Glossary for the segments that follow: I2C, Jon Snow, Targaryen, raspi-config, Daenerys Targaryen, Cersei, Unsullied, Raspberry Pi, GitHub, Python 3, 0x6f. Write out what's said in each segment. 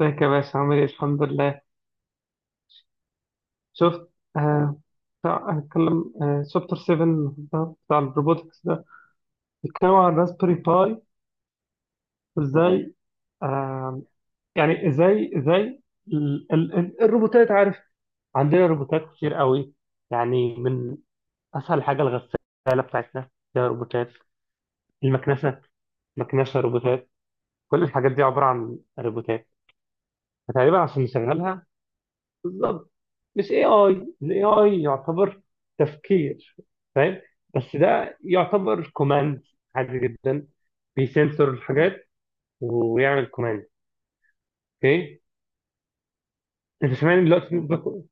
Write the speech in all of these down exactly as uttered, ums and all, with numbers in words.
ازيك يا باشا، عامل ايه؟ الحمد لله. شفت؟ آه. بتاع اتكلم آه شابتر سبعة ده بتاع الروبوتكس ده. بيتكلم عن راسبيري باي وازاي. آه يعني ازاي ازاي ال ال ال الروبوتات، عارف؟ عندنا روبوتات كتير قوي. يعني من اسهل حاجه الغساله بتاعتنا فيها روبوتات. المكنسه، مكنسه روبوتات. كل الحاجات دي عباره عن روبوتات. فتقريبا عشان نشغلها بالظبط، مش اي اي. الاي اي يعتبر تفكير، فاهم؟ بس ده يعتبر كوماند عادي جدا. بيسنسور الحاجات ويعمل كوماند. اوكي. انت سامعني دلوقتي بك-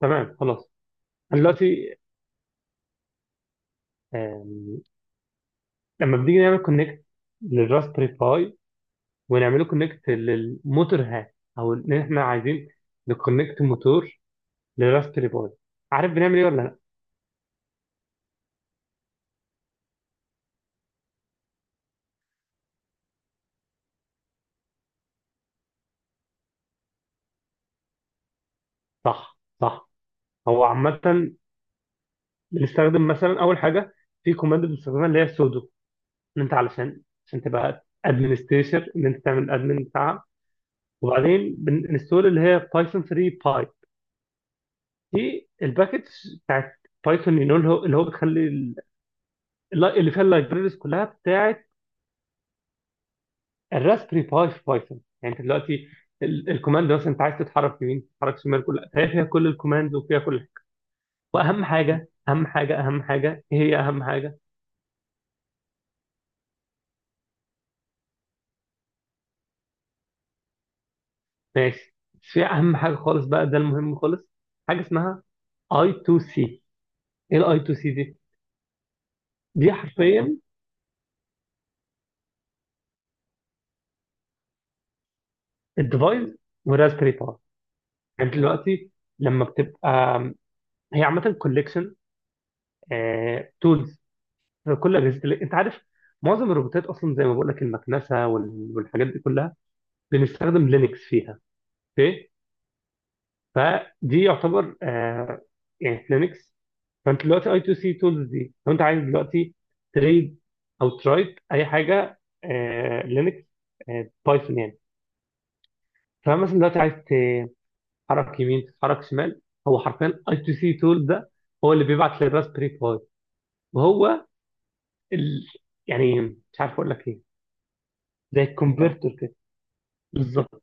تمام خلاص. انا دلوقتي، آم، لما بنيجي نعمل كونكت للراسبري باي، ونعمله كونكت للموتور هات، او ان احنا عايزين نكونكت موتور للراسبري باي. عارف بنعمل ايه ولا لا؟ صح، صح. هو عامة بنستخدم مثلا اول حاجه في كوماند بنستخدمها اللي هي سودو، ان انت علشان عشان تبقى ادمنستريتور، ان انت تعمل ادمن بتاعها. وبعدين بنستول اللي هي بايثون ثري باي. دي الباكج بتاعت بايثون، اللي هو اللي هو بتخلي ال- اللي فيها اللايبريز كلها بتاعت الراسبري باي في بايثون. يعني انت دلوقتي ال- الكوماند، مثلا انت عايز تتحرك يمين، تتحرك شمال، كلها، فهي فيها كل الكوماندز وفيها كل حاجه. واهم حاجه، اهم حاجه، اهم حاجه، ايه هي اهم حاجه؟ ماشي. بس في اهم حاجه خالص بقى، ده المهم خالص. حاجه اسمها اي تو سي. ايه الاي تو سي دي؟ دي حرفيا الديفايس والراسبيري باي. يعني أنت دلوقتي لما بتبقى، هي عامه كوليكشن تولز. كل اجهزه ال- انت عارف، معظم الروبوتات اصلا زي ما بقول لك، المكنسه وال- والحاجات دي كلها بنستخدم لينكس فيها. اوكي. فدي يعتبر آه، يعني لينكس. فانت دلوقتي اي تو سي تولز دي، لو انت عايز دلوقتي تريد او ترايت اي حاجه لينكس، بايثون يعني. فمثلا دلوقتي عايز تتحرك يمين، تتحرك شمال، هو حرفيا اي تو سي تول ده هو اللي بيبعت للراسبري باي. وهو ال... يعني مش عارف اقول لك ايه، زي الكونفرتر كده. بالظبط،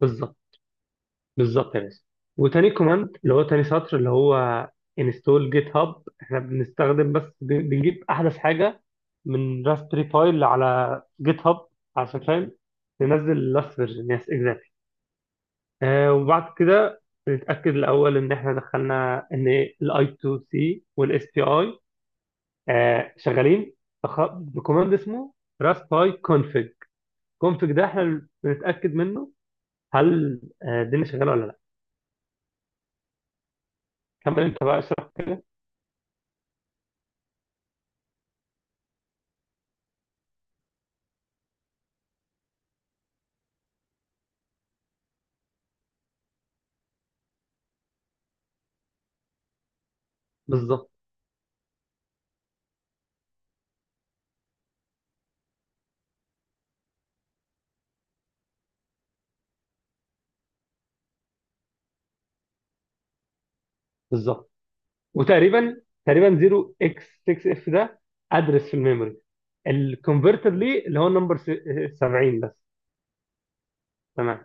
بالظبط، بالظبط يا باشا. وتاني كوماند اللي هو تاني سطر اللي هو انستول جيت هاب، احنا بنستخدم بس بن- بنجيب احدث حاجه من راسبري باي على جيت هاب. عشان فاهم، ننزل لاست فيرجن، يس اكزاكتلي. آه وبعد كده نتاكد الاول ان احنا دخلنا ان الاي تو سي والاس بي اي آه شغالين، بخ- بكوماند اسمه راست باي كونفج. كونفج ده احنا بنتاكد منه، هل آه، الدنيا شغاله ولا لا. كمل انت بقى، اشرح كده. بالظبط، بالظبط. وتقريبا، تقريبا صفر اكس ستة اف ده ادرس في الميموري الكونفرتر ليه، اللي هو النمبر سبعين بس. تمام،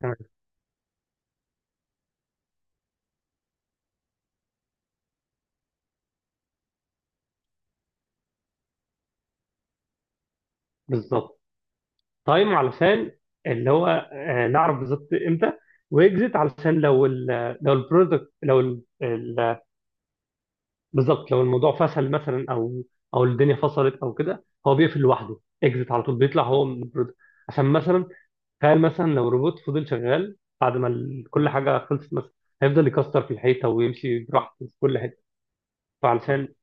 تمام، بالظبط. تايم علشان، اللي هو آه، نعرف بالظبط امتى. واكزيت علشان لو ال لو البرودكت، لو ال- ال- بالظبط، لو الموضوع فشل مثلا، او او الدنيا فصلت او كده، هو بيقفل لوحده. اكزيت على طول بيطلع هو من البرودكت. عشان مثلا تخيل مثلا لو روبوت فضل شغال بعد ما ال- كل حاجة خلصت مثلا، هيفضل يكسر في الحيطة ويمشي براحته في كل حتة. فعلشان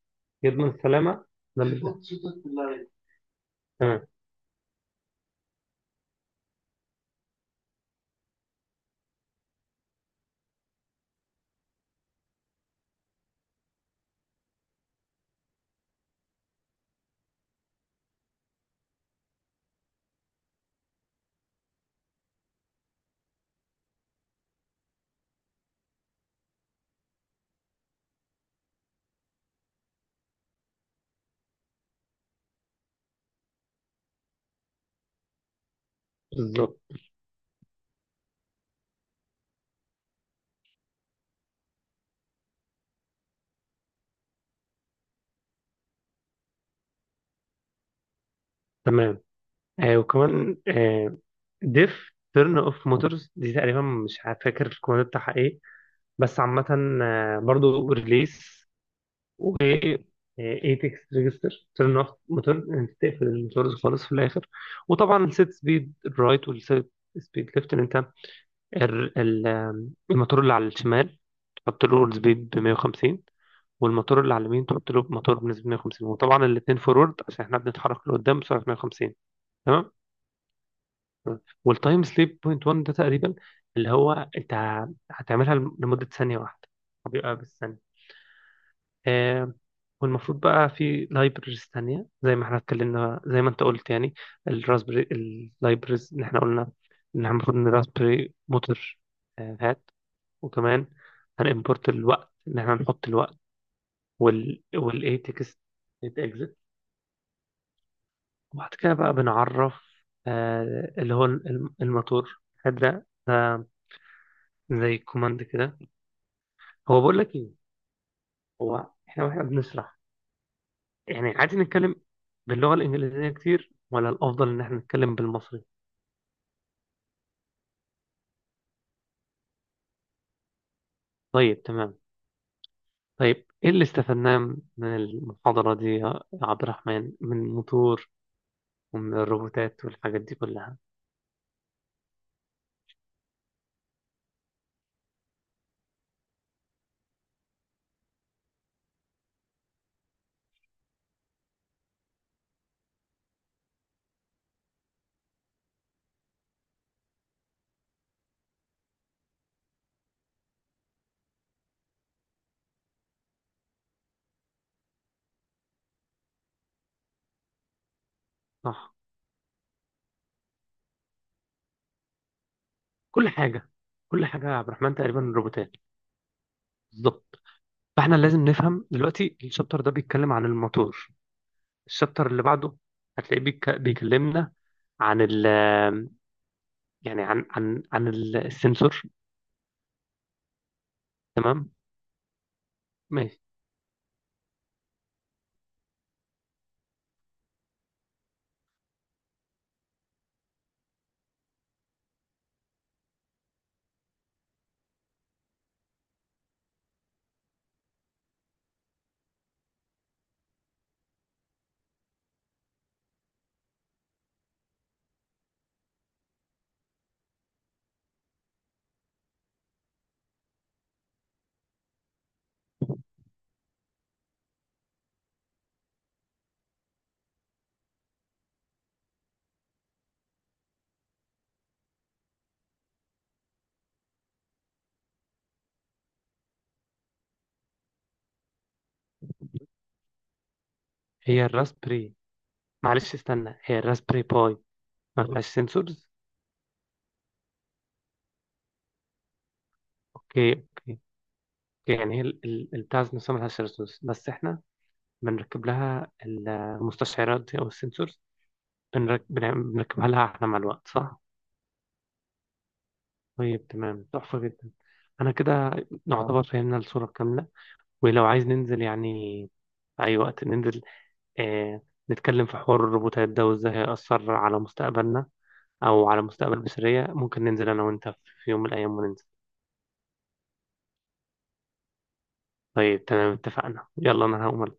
يضمن السلامة، ده اللي بيحصل. بالظبط، تمام. آه وكمان، آه ديف تيرن اوف موتورز دي، تقريبا مش فاكر الكود بتاعها ايه، بس عامة آه برضو ريليس و ايتكس ريجستر. تيرن اوف موتور، انت تقفل الموتورز خالص في الاخر. وطبعا سيت سبيد رايت والسيت سبيد ليفت، انت ال- ال- آم، الموتور اللي على الشمال تحط له اورد سبيد ب مية وخمسين. والموتور اللي على اليمين تحط له موتور بنسبة مية وخمسين. وطبعا الاثنين فورورد عشان احنا بنتحرك لقدام بسرعة مية وخمسين. تمام. والتايم سليب بوينت واحد ده تقريبا، اللي هو انت هتعملها لمدة ثانية واحدة، بيبقى بالثانية. آه. والمفروض بقى في لايبرز تانية زي ما احنا اتكلمنا، زي ما انت قلت يعني الراسبري اللايبرز اللي احنا قلنا ان احنا المفروض، ان راسبري موتور هات. وكمان هنimport الوقت، ان احنا نحط الوقت، وال والايه تكست، اكزت. وبعد كده بقى بنعرف آه اللي هو الم- الموتور هذا ده زي كوماند كده. هو بقول لك ايه؟ هو احنا، واحنا بنشرح يعني، عادي نتكلم باللغة الإنجليزية كتير، ولا الأفضل إن احنا نتكلم بالمصري؟ طيب، تمام. طيب، إيه اللي استفدناه من المحاضرة دي يا عبد الرحمن، من الموتور ومن الروبوتات والحاجات دي كلها؟ صح. كل حاجة، كل حاجة يا عبد الرحمن تقريبا روبوتات. بالظبط. فاحنا لازم نفهم دلوقتي الشابتر ده بيتكلم عن الموتور. الشابتر اللي بعده هتلاقيه بيك... بيكلمنا عن ال يعني عن عن عن ال- السنسور. تمام. ماشي. هي الراسبري، معلش استنى، هي الراسبري باي ما فيهاش سنسورز؟ اوكي، اوكي، أوكي. يعني هي ال- ال- البتاع ذات نفسها ما فيهاش سنسورز، بس احنا بنركب لها المستشعرات دي او السنسورز. بنرك... بنعمل- بنركبها لها احنا مع الوقت، صح؟ طيب تمام، تحفة جدا. أنا كده اه نعتبر فهمنا الصورة الكاملة. ولو عايز ننزل، يعني في أي وقت ننزل، آه نتكلم في حوار الروبوتات ده وإزاي هيأثر على مستقبلنا أو على مستقبل بشرية، ممكن ننزل أنا وأنت في يوم من الأيام وننزل. طيب تمام، اتفقنا. يلا أنا هقوم.